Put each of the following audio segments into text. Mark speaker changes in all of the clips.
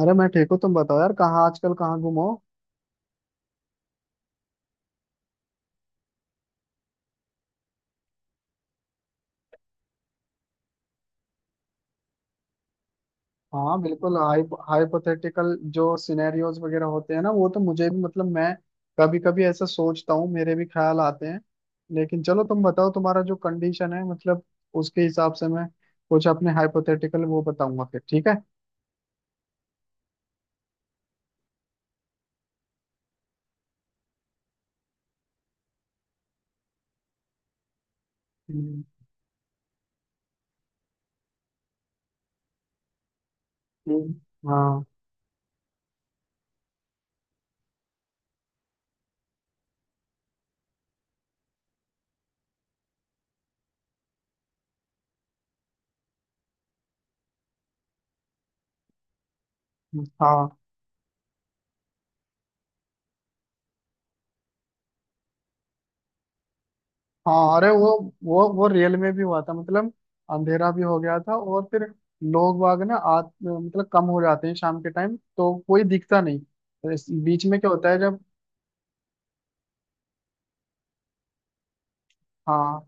Speaker 1: अरे, मैं ठीक हूँ। तुम बताओ यार, कहाँ आजकल कहाँ गुम हो। हाँ, बिल्कुल। हाइपोथेटिकल जो सिनेरियोज वगैरह होते हैं ना, वो तो मुझे भी, मतलब मैं कभी कभी ऐसा सोचता हूँ, मेरे भी ख्याल आते हैं। लेकिन चलो तुम बताओ, तुम्हारा जो कंडीशन है, मतलब उसके हिसाब से मैं कुछ अपने हाइपोथेटिकल वो बताऊंगा फिर। ठीक है। हम्म। हम्म। हाँ, हाँ, हाँ। अरे, वो रियल में भी हुआ था, मतलब अंधेरा भी हो गया था। और फिर लोग बाग ना आत मतलब कम हो जाते हैं शाम के टाइम, तो कोई दिखता नहीं। तो इस बीच में क्या होता है जब। हाँ।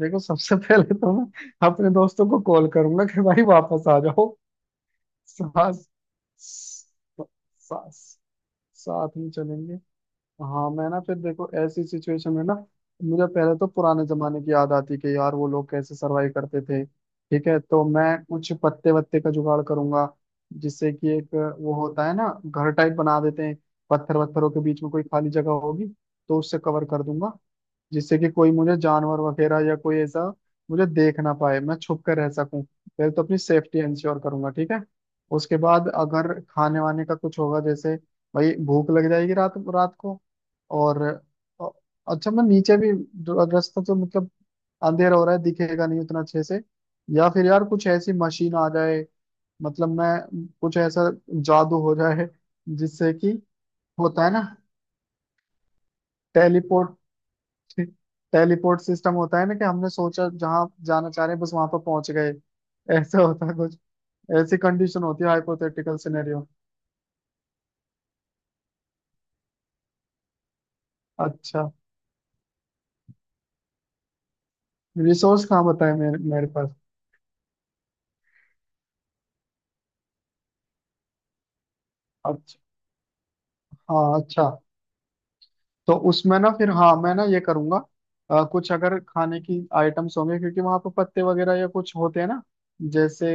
Speaker 1: देखो, सबसे पहले तो मैं अपने दोस्तों को कॉल करूंगा कि भाई वापस आ जाओ। साथ साथ साथ में चलेंगे। हाँ, मैं ना फिर, देखो, ऐसी सिचुएशन में ना मुझे पहले तो पुराने जमाने की याद आती कि यार वो लोग कैसे सरवाइव करते थे। ठीक है, तो मैं कुछ पत्ते वत्ते का जुगाड़ करूंगा जिससे कि एक, वो होता है ना, घर टाइप बना देते हैं। पत्थर वत्थरों के बीच में कोई खाली जगह होगी, तो उससे कवर कर दूंगा। जिससे कि कोई मुझे जानवर वगैरह या कोई ऐसा मुझे देख ना पाए, मैं छुप कर रह सकूं। पहले तो अपनी सेफ्टी इंश्योर करूंगा। ठीक है। उसके बाद अगर खाने वाने का कुछ होगा, जैसे, भाई भूख लग जाएगी रात रात को। और अ- अच्छा, मैं नीचे भी जो रास्ता, तो मतलब अंधेरा हो रहा है, दिखेगा नहीं उतना अच्छे से। या फिर यार कुछ ऐसी मशीन आ जाए, मतलब मैं कुछ ऐसा, जादू हो जाए, जिससे कि, होता है ना टेलीपोर्ट टेलीपोर्ट सिस्टम होता है ना, कि हमने सोचा जहां जाना चाह रहे हैं, बस वहां पर पहुंच गए। ऐसा होता है कुछ, ऐसी कंडीशन होती है हाइपोथेटिकल सिनेरियो। अच्छा। रिसोर्स कहाँ बताए मेरे मेरे पास। अच्छा। हाँ, अच्छा। तो उसमें ना फिर, हाँ, मैं ना ये करूंगा। कुछ अगर खाने की आइटम्स होंगे, क्योंकि वहां पर पत्ते वगैरह या कुछ होते हैं ना। जैसे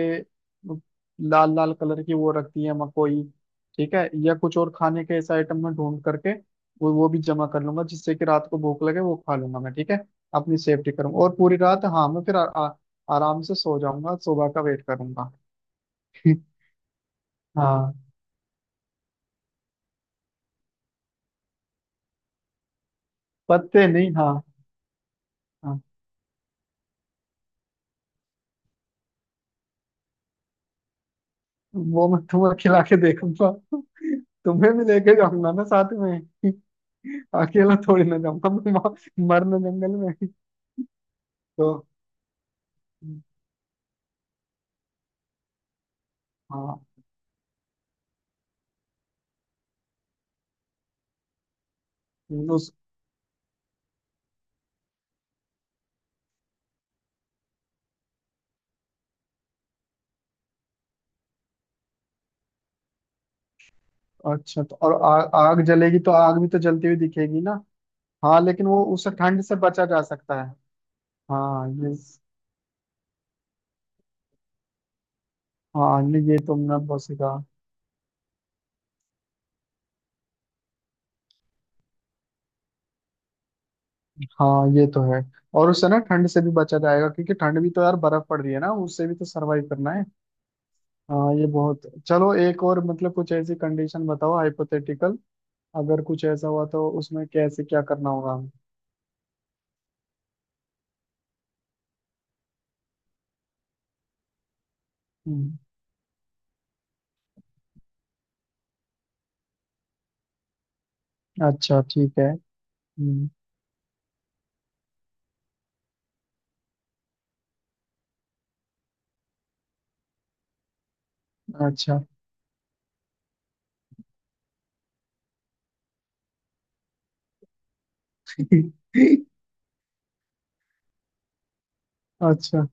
Speaker 1: लाल लाल कलर की वो रखती है, मकोई। ठीक है, या कुछ और खाने के ऐसे आइटम में ढूंढ करके वो भी जमा कर लूंगा, जिससे कि रात को भूख लगे वो खा लूंगा मैं। ठीक है। अपनी सेफ्टी करूंगा, और पूरी रात, हाँ, मैं फिर आ, आ, आराम से सो जाऊंगा, सुबह का वेट करूंगा। हाँ, पत्ते नहीं, हाँ। वो मैं तुम्हें खिला के देखूंगा। तुम्हें भी लेके जाऊंगा ना साथ में। अकेला थोड़ी ना जाऊंगा मैं मरने जंगल में। तो हाँ। उस अच्छा, तो और आग जलेगी तो आग भी तो जलती हुई दिखेगी ना। हाँ, लेकिन वो उससे ठंड से बचा जा सकता है। हाँ, ये। हाँ, ये तुमने बहुत सही कहा। हाँ, ये तो है। और उससे ना ठंड से भी बचा जाएगा, क्योंकि ठंड भी तो, यार, बर्फ पड़ रही है ना, उससे भी तो सरवाइव करना है। हाँ, ये बहुत। चलो एक और, मतलब कुछ ऐसी कंडीशन बताओ हाइपोथेटिकल। अगर कुछ ऐसा हुआ तो उसमें कैसे क्या करना होगा हमें? हम्म, अच्छा, ठीक है। हम्म, अच्छा। अच्छा।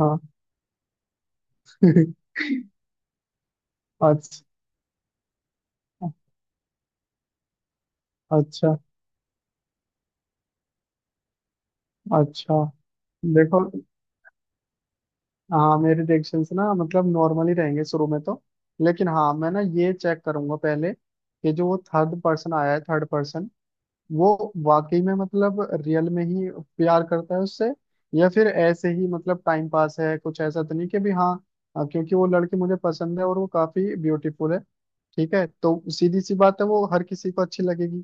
Speaker 1: हाँ। अच्छा। अच्छा। अच्छा। देखो, हाँ, मेरे रिएक्शन ना, मतलब नॉर्मल ही रहेंगे शुरू में तो। लेकिन हाँ, मैं ना ये चेक करूंगा पहले कि जो वो थर्ड पर्सन आया है, थर्ड पर्सन वो वाकई में, मतलब रियल में ही प्यार करता है उससे, या फिर ऐसे ही, मतलब टाइम पास है। कुछ ऐसा तो नहीं कि, भी, हाँ। हाँ, क्योंकि वो लड़की मुझे पसंद है, और वो काफी ब्यूटीफुल है। ठीक है, तो सीधी सी बात है, वो हर किसी को अच्छी लगेगी।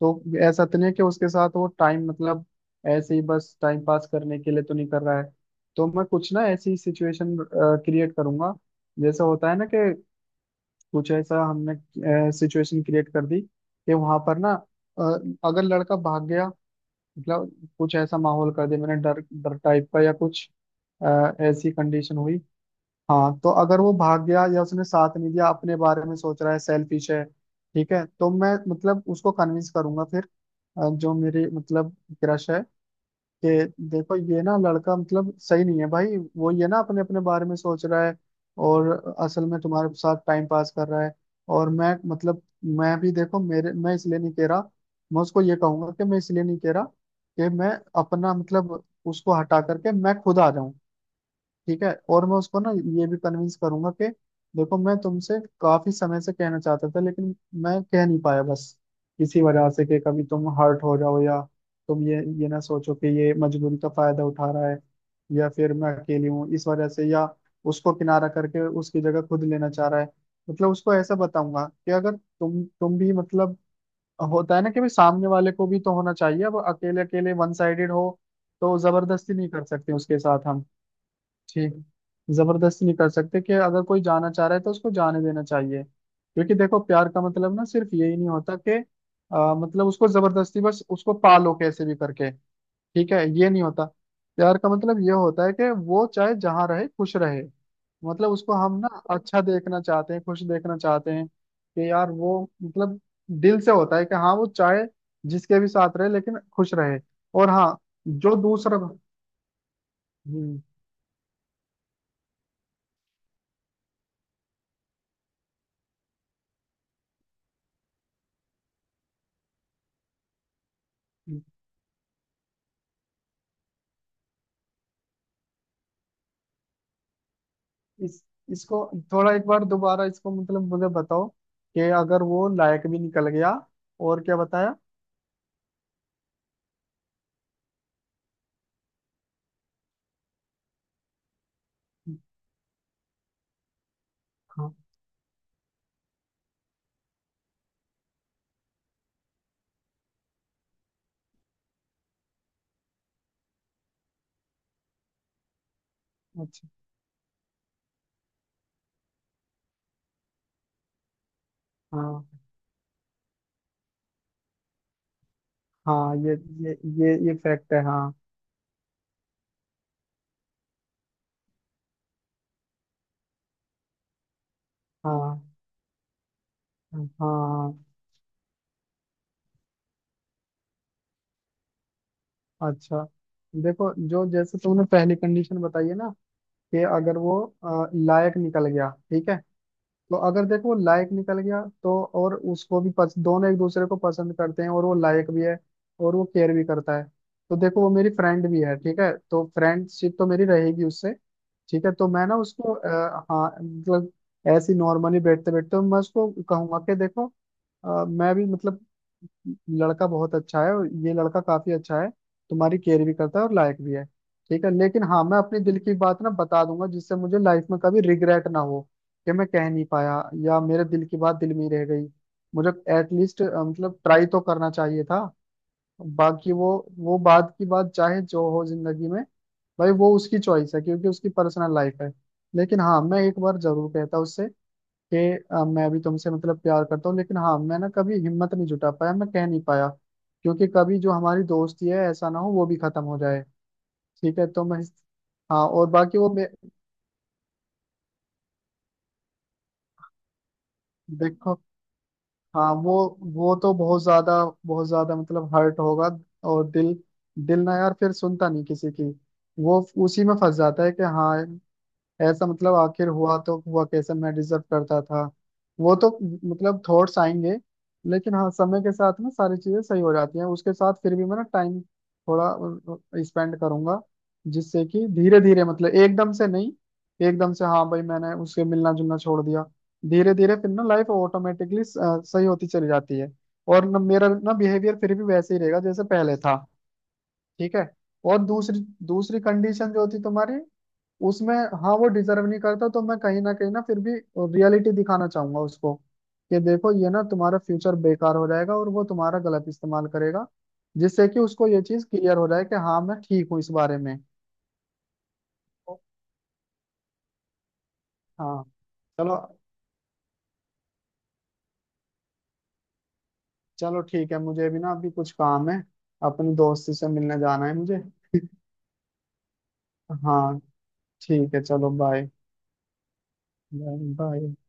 Speaker 1: तो ऐसा तो नहीं है कि उसके साथ वो टाइम, मतलब ऐसे ही बस टाइम पास करने के लिए तो नहीं कर रहा है। तो मैं कुछ ना ऐसी सिचुएशन क्रिएट करूंगा, जैसे होता है ना, कि कुछ ऐसा हमने सिचुएशन क्रिएट कर दी कि वहां पर ना, अ, अगर लड़का भाग गया, मतलब कुछ ऐसा माहौल कर दिया मैंने डर डर टाइप का, या कुछ अ, ऐसी कंडीशन हुई। हाँ, तो अगर वो भाग गया, या उसने साथ नहीं दिया, अपने बारे में सोच रहा है, सेल्फिश है। ठीक है, तो मैं मतलब उसको कन्विंस करूंगा फिर, जो मेरी मतलब क्रश है, कि देखो ये ना लड़का, मतलब सही नहीं है भाई वो, ये ना अपने अपने बारे में सोच रहा है, और असल में तुम्हारे साथ टाइम पास कर रहा है। और मैं, मतलब मैं भी, देखो, मेरे मैं इसलिए नहीं कह रहा, मैं उसको ये कहूंगा कि मैं इसलिए नहीं कह रहा कि मैं अपना, मतलब उसको हटा करके मैं खुद आ जाऊं। ठीक है। और मैं उसको ना ये भी कन्विंस करूंगा कि देखो मैं तुमसे काफी समय से कहना चाहता था, लेकिन मैं कह नहीं पाया बस इसी वजह से, कि कभी तुम हर्ट हो जाओ, या तुम ये ना सोचो कि ये मजबूरी का फायदा उठा रहा है, या फिर मैं अकेली हूँ इस वजह से, या उसको किनारा करके उसकी जगह खुद लेना चाह रहा है। मतलब उसको ऐसा बताऊंगा कि अगर तुम भी, मतलब होता है ना, कि भाई, सामने वाले को भी तो होना चाहिए, अब अकेले अकेले वन साइडेड हो, तो जबरदस्ती नहीं कर सकते उसके साथ हम। ठीक। जबरदस्ती नहीं कर सकते, कि अगर कोई जाना चाह रहा है तो उसको जाने देना चाहिए, क्योंकि देखो प्यार का मतलब ना सिर्फ यही नहीं होता कि मतलब उसको जबरदस्ती, बस उसको पालो कैसे भी करके। ठीक है, ये नहीं होता। प्यार का मतलब ये होता है कि वो चाहे जहाँ रहे खुश रहे। मतलब उसको हम ना अच्छा देखना चाहते हैं, खुश देखना चाहते हैं, कि यार वो मतलब दिल से होता है कि हाँ, वो चाहे जिसके भी साथ रहे, लेकिन खुश रहे। और हाँ, जो दूसरा। हम्म, इस इसको थोड़ा एक बार दोबारा, इसको मतलब मुझे बताओ कि अगर वो लायक भी निकल गया, और क्या बताया। हाँ, अच्छा। हाँ, हाँ ये ये फैक्ट है हाँ। हाँ। हाँ। अच्छा। देखो, जो जैसे तुमने पहली कंडीशन बताई है ना, कि अगर वो लायक निकल गया, ठीक है। तो अगर देखो लायक निकल गया, तो और उसको भी दोनों एक दूसरे को पसंद करते हैं, और वो लायक भी है, और वो केयर भी करता है। तो देखो, वो मेरी फ्रेंड भी है, ठीक है, तो फ्रेंडशिप तो मेरी रहेगी उससे। ठीक है, तो मैं ना उसको हाँ मतलब ऐसी नॉर्मली बैठते बैठते मैं उसको कहूंगा कि देखो, मैं भी, मतलब लड़का बहुत अच्छा है, और ये लड़का काफी अच्छा है, तुम्हारी केयर भी करता है, और लायक भी है। ठीक है, लेकिन हाँ, मैं अपने दिल की बात ना बता दूंगा, जिससे मुझे लाइफ में कभी रिग्रेट ना हो कि मैं कह नहीं पाया, या मेरे दिल की बात दिल में ही रह गई मुझे। एटलीस्ट मतलब ट्राई तो करना चाहिए था। बाकी वो बात की बात चाहे जो हो जिंदगी में, भाई, वो उसकी चॉइस है, क्योंकि उसकी पर्सनल लाइफ है। लेकिन हाँ, मैं एक बार जरूर कहता उससे, कि मैं भी तुमसे, मतलब प्यार करता हूँ, लेकिन हाँ, मैं ना कभी हिम्मत नहीं जुटा पाया, मैं कह नहीं पाया, क्योंकि कभी जो हमारी दोस्ती है, ऐसा ना हो वो भी खत्म हो जाए। ठीक है, तो मैं, हाँ, और बाकी वो देखो, हाँ, वो तो बहुत ज्यादा बहुत ज्यादा, मतलब हर्ट होगा। और दिल दिल ना यार फिर सुनता नहीं किसी की। वो उसी में फंस जाता है कि हाँ, ऐसा, मतलब आखिर हुआ तो हुआ कैसे, मैं डिजर्व करता था। वो तो, मतलब थॉट्स आएंगे। लेकिन हाँ, समय के साथ में सारी चीजें सही हो जाती हैं, उसके साथ फिर भी मैं ना टाइम थोड़ा स्पेंड करूंगा, जिससे कि धीरे धीरे, मतलब एकदम से नहीं, एकदम से हाँ भाई मैंने उसके मिलना जुलना छोड़ दिया, धीरे धीरे फिर ना लाइफ ऑटोमेटिकली सही होती चली जाती है। और ना मेरा ना बिहेवियर फिर भी वैसे ही रहेगा जैसे पहले था। ठीक है। और दूसरी दूसरी कंडीशन जो थी तुम्हारी, उसमें, हाँ, वो डिजर्व नहीं करता, तो मैं कहीं ना फिर भी रियलिटी दिखाना चाहूंगा उसको, कि देखो, ये ना तुम्हारा फ्यूचर बेकार हो जाएगा, और वो तुम्हारा गलत इस्तेमाल करेगा, जिससे कि उसको ये चीज क्लियर हो जाए कि हाँ, मैं ठीक हूँ इस बारे में। हाँ। चलो। चलो ठीक है, मुझे भी ना अभी कुछ काम है, अपने दोस्त से मिलने जाना है मुझे। हाँ, ठीक है, चलो बाय। Bye, bye.